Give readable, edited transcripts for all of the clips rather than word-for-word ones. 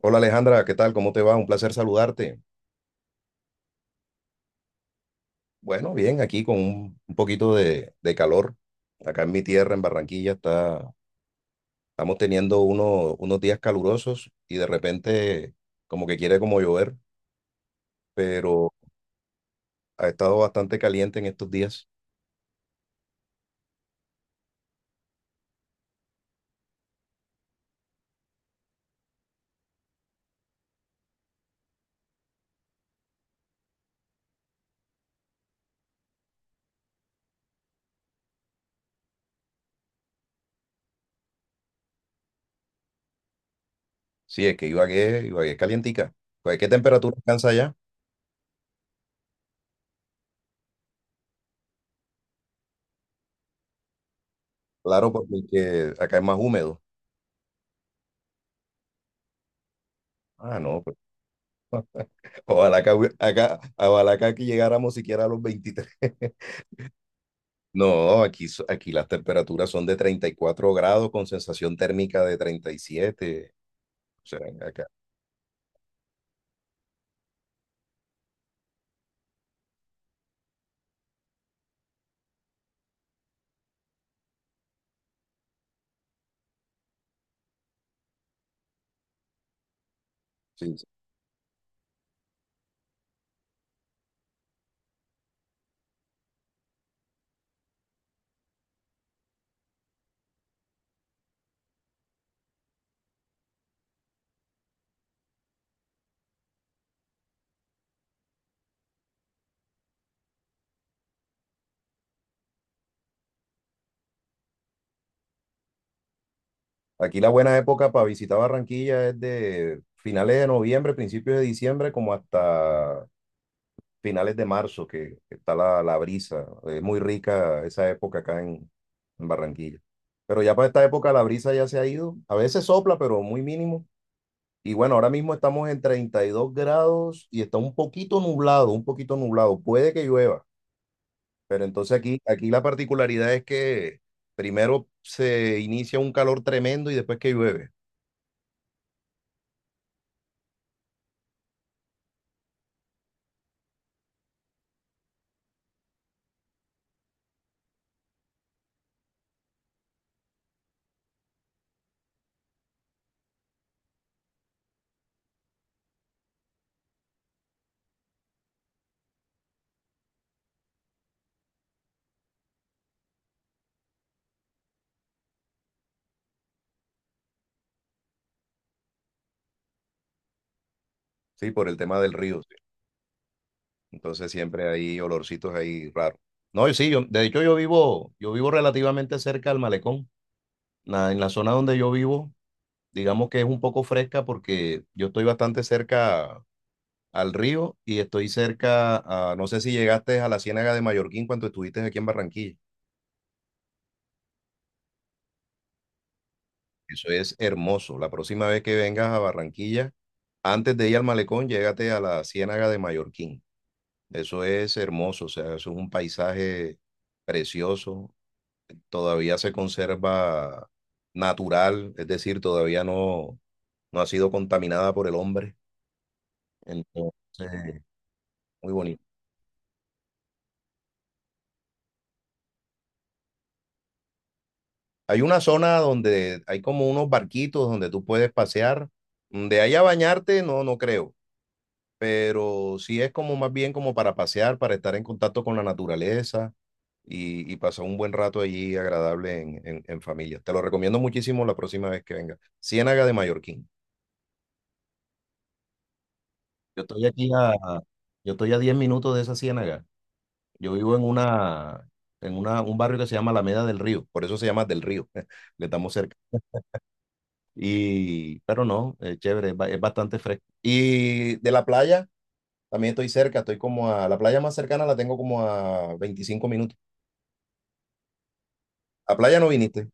Hola Alejandra, ¿qué tal? ¿Cómo te va? Un placer saludarte. Bueno, bien, aquí con un poquito de calor. Acá en mi tierra, en Barranquilla, estamos teniendo unos días calurosos y de repente como que quiere como llover, pero ha estado bastante caliente en estos días. Sí, es que Ibagué es calientica. Pues, ¿qué temperatura alcanza allá? Claro, porque acá es más húmedo. Ah, no, pues, ojalá que, ojalá que aquí llegáramos siquiera a los 23. No, aquí, aquí las temperaturas son de 34 grados con sensación térmica de 37. O sea, acá, sí, sí. Aquí la buena época para visitar Barranquilla es de finales de noviembre, principios de diciembre, como hasta finales de marzo, que está la brisa. Es muy rica esa época acá en Barranquilla. Pero ya para esta época la brisa ya se ha ido. A veces sopla, pero muy mínimo. Y bueno, ahora mismo estamos en 32 grados y está un poquito nublado, un poquito nublado. Puede que llueva. Pero entonces aquí la particularidad es que primero se inicia un calor tremendo y después que llueve, ¿sí? Por el tema del río, ¿sí? Entonces siempre hay olorcitos ahí raros. No, y sí, de hecho yo vivo relativamente cerca al malecón. En la zona donde yo vivo, digamos que es un poco fresca porque yo estoy bastante cerca al río y estoy cerca a, no sé si llegaste a la Ciénaga de Mallorquín cuando estuviste aquí en Barranquilla. Eso es hermoso. La próxima vez que vengas a Barranquilla, antes de ir al malecón, llégate a la Ciénaga de Mallorquín. Eso es hermoso, o sea, eso es un paisaje precioso. Todavía se conserva natural, es decir, todavía no, no ha sido contaminada por el hombre. Entonces, muy bonito. Hay una zona donde hay como unos barquitos donde tú puedes pasear. De ahí a bañarte, no, no creo. Pero sí es como más bien como para pasear, para estar en contacto con la naturaleza y pasar un buen rato allí agradable en familia. Te lo recomiendo muchísimo la próxima vez que venga. Ciénaga de Mallorquín. Yo estoy aquí a, yo estoy a 10 minutos de esa ciénaga. Yo vivo en una, un barrio que se llama Alameda del Río, por eso se llama Del Río, le estamos cerca. Y, pero no, es chévere, es bastante fresco. Y de la playa, también estoy cerca, la playa más cercana la tengo como a 25 minutos. A playa no viniste,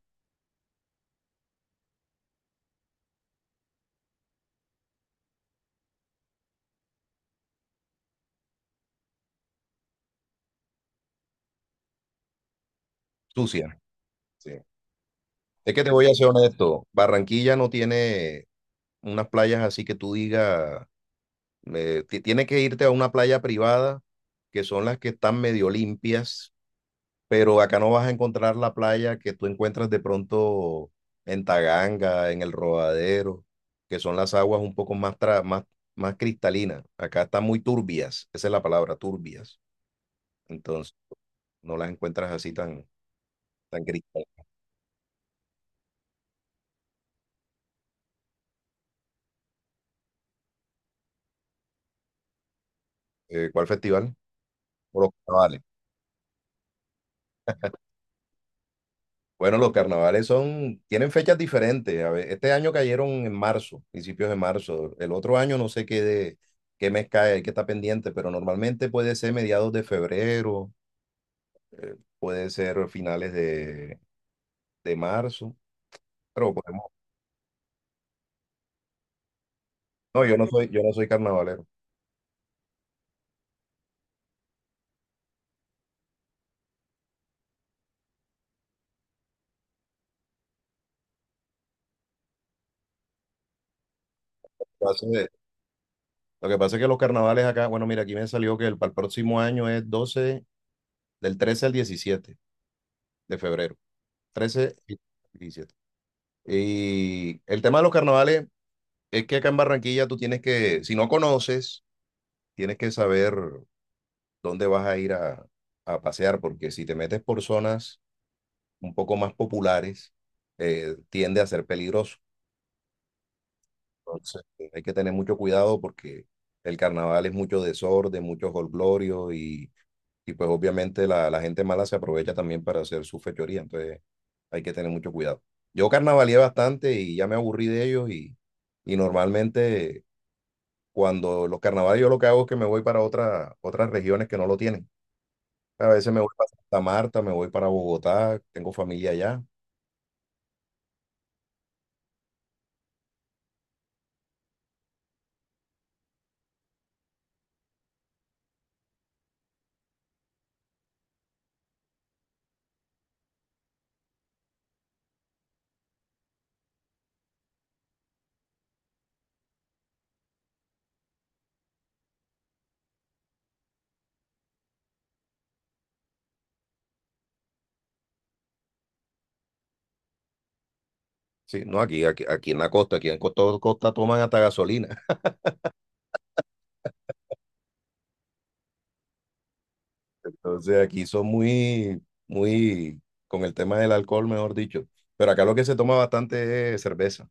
sucia. Sí. Es que te voy a ser honesto, Barranquilla no tiene unas playas así que tú digas, tiene que irte a una playa privada, que son las que están medio limpias, pero acá no vas a encontrar la playa que tú encuentras de pronto en Taganga, en el Rodadero, que son las aguas un poco más cristalinas. Acá están muy turbias, esa es la palabra, turbias. Entonces, no las encuentras así tan cristalinas. ¿Cuál festival? Por los carnavales. Bueno, los carnavales son, tienen fechas diferentes. A ver, este año cayeron en marzo, principios de marzo. El otro año no sé qué, de, qué mes cae, hay que estar pendiente, pero normalmente puede ser mediados de febrero, puede ser finales de marzo. Pero podemos, no, yo no soy carnavalero. Lo que pasa es lo que pasa es que los carnavales acá, bueno, mira, aquí me salió que el, para el próximo año es 12 del 13 al 17 de febrero. 13 y 17. Y el tema de los carnavales es que acá en Barranquilla tú tienes que, si no conoces, tienes que saber dónde vas a ir a pasear, porque si te metes por zonas un poco más populares, tiende a ser peligroso. Entonces, hay que tener mucho cuidado porque el carnaval es mucho desorden, mucho jolgorio y pues obviamente la gente mala se aprovecha también para hacer su fechoría, entonces hay que tener mucho cuidado. Yo carnavaleé bastante y ya me aburrí de ellos y normalmente cuando los carnavales yo lo que hago es que me voy para otras regiones que no lo tienen. A veces me voy para Santa Marta, me voy para Bogotá, tengo familia allá. Sí, no, aquí en la costa, aquí en Costa toman hasta gasolina. Entonces aquí son muy, muy con el tema del alcohol, mejor dicho. Pero acá lo que se toma bastante es cerveza.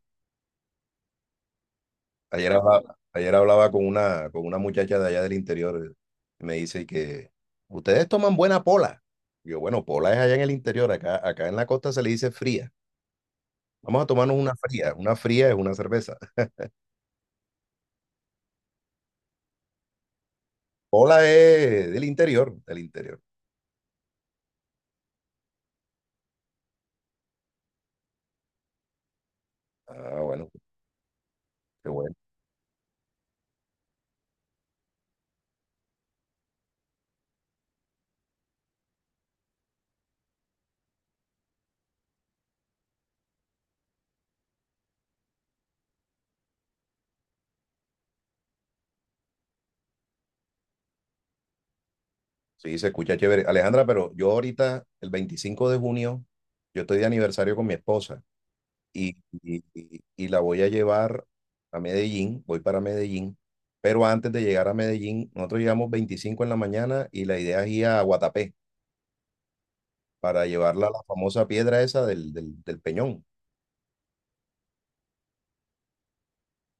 Ayer hablaba con con una muchacha de allá del interior. Y me dice que ustedes toman buena pola. Yo, bueno, pola es allá en el interior, acá en la costa se le dice fría. Vamos a tomarnos una fría. Una fría es una cerveza. Hola es del interior. Ah, bueno, qué bueno. Sí, se escucha chévere. Alejandra, pero yo ahorita, el 25 de junio, yo estoy de aniversario con mi esposa y la voy a llevar a Medellín, voy para Medellín, pero antes de llegar a Medellín, nosotros llegamos 25 en la mañana y la idea es ir a Guatapé para llevarla a la famosa piedra esa del Peñón.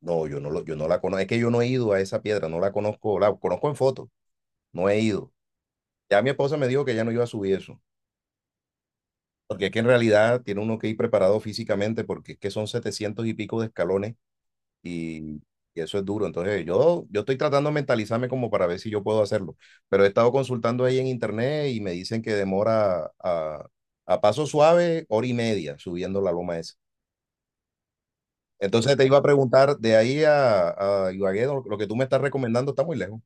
No, yo no la conozco, es que yo no he ido a esa piedra, no la conozco, la conozco en foto, no he ido. Ya mi esposa me dijo que ya no iba a subir eso, porque es que en realidad tiene uno que ir preparado físicamente, porque es que son 700 y pico de escalones y, y eso es duro. Entonces yo estoy tratando de mentalizarme como para ver si yo puedo hacerlo, pero he estado consultando ahí en internet y me dicen que demora a paso suave hora y media subiendo la loma esa. Entonces te iba a preguntar, de ahí a Ibagué, lo que tú me estás recomendando está muy lejos,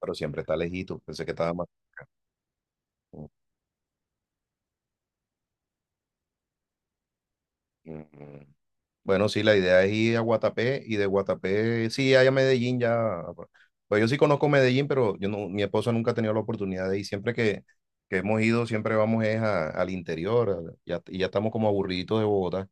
pero siempre está lejito. Pensé que estaba más... Bueno, sí, la idea es ir a Guatapé y de Guatapé, sí, allá a Medellín ya. Pues yo sí conozco Medellín, pero yo no, mi esposa nunca ha tenido la oportunidad de ir. Siempre que hemos ido, siempre vamos es al interior y ya estamos como aburriditos de Bogotá.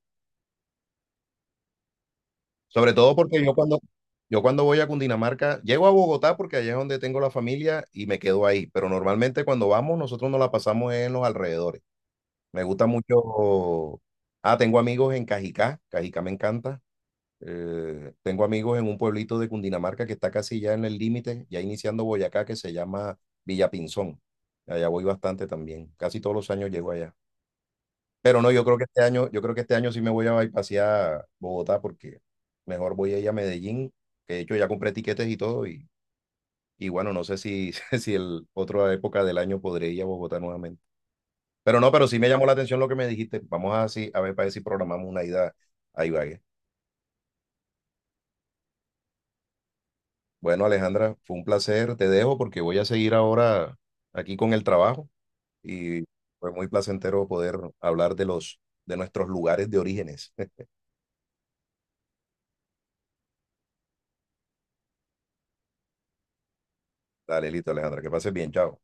Sobre todo porque yo cuando voy a Cundinamarca, llego a Bogotá porque allá es donde tengo la familia y me quedo ahí. Pero normalmente cuando vamos, nosotros nos la pasamos en los alrededores. Me gusta mucho. Ah, tengo amigos en Cajicá. Cajicá me encanta. Tengo amigos en un pueblito de Cundinamarca que está casi ya en el límite, ya iniciando Boyacá, que se llama Villapinzón. Allá voy bastante también. Casi todos los años llego allá. Pero no, yo creo que este año sí me voy a pasear Bogotá porque mejor voy a ir a Medellín, que de hecho ya compré tiquetes y todo y bueno, no sé si, si el otra época del año podré ir a Bogotá nuevamente. Pero no, pero sí me llamó la atención lo que me dijiste. Vamos a, sí, a ver para ver si programamos una ida a Ibagué. Bueno, Alejandra, fue un placer. Te dejo porque voy a seguir ahora aquí con el trabajo y fue muy placentero poder hablar de los de nuestros lugares de orígenes. Dale, listo, Alejandra, que pases bien, chao.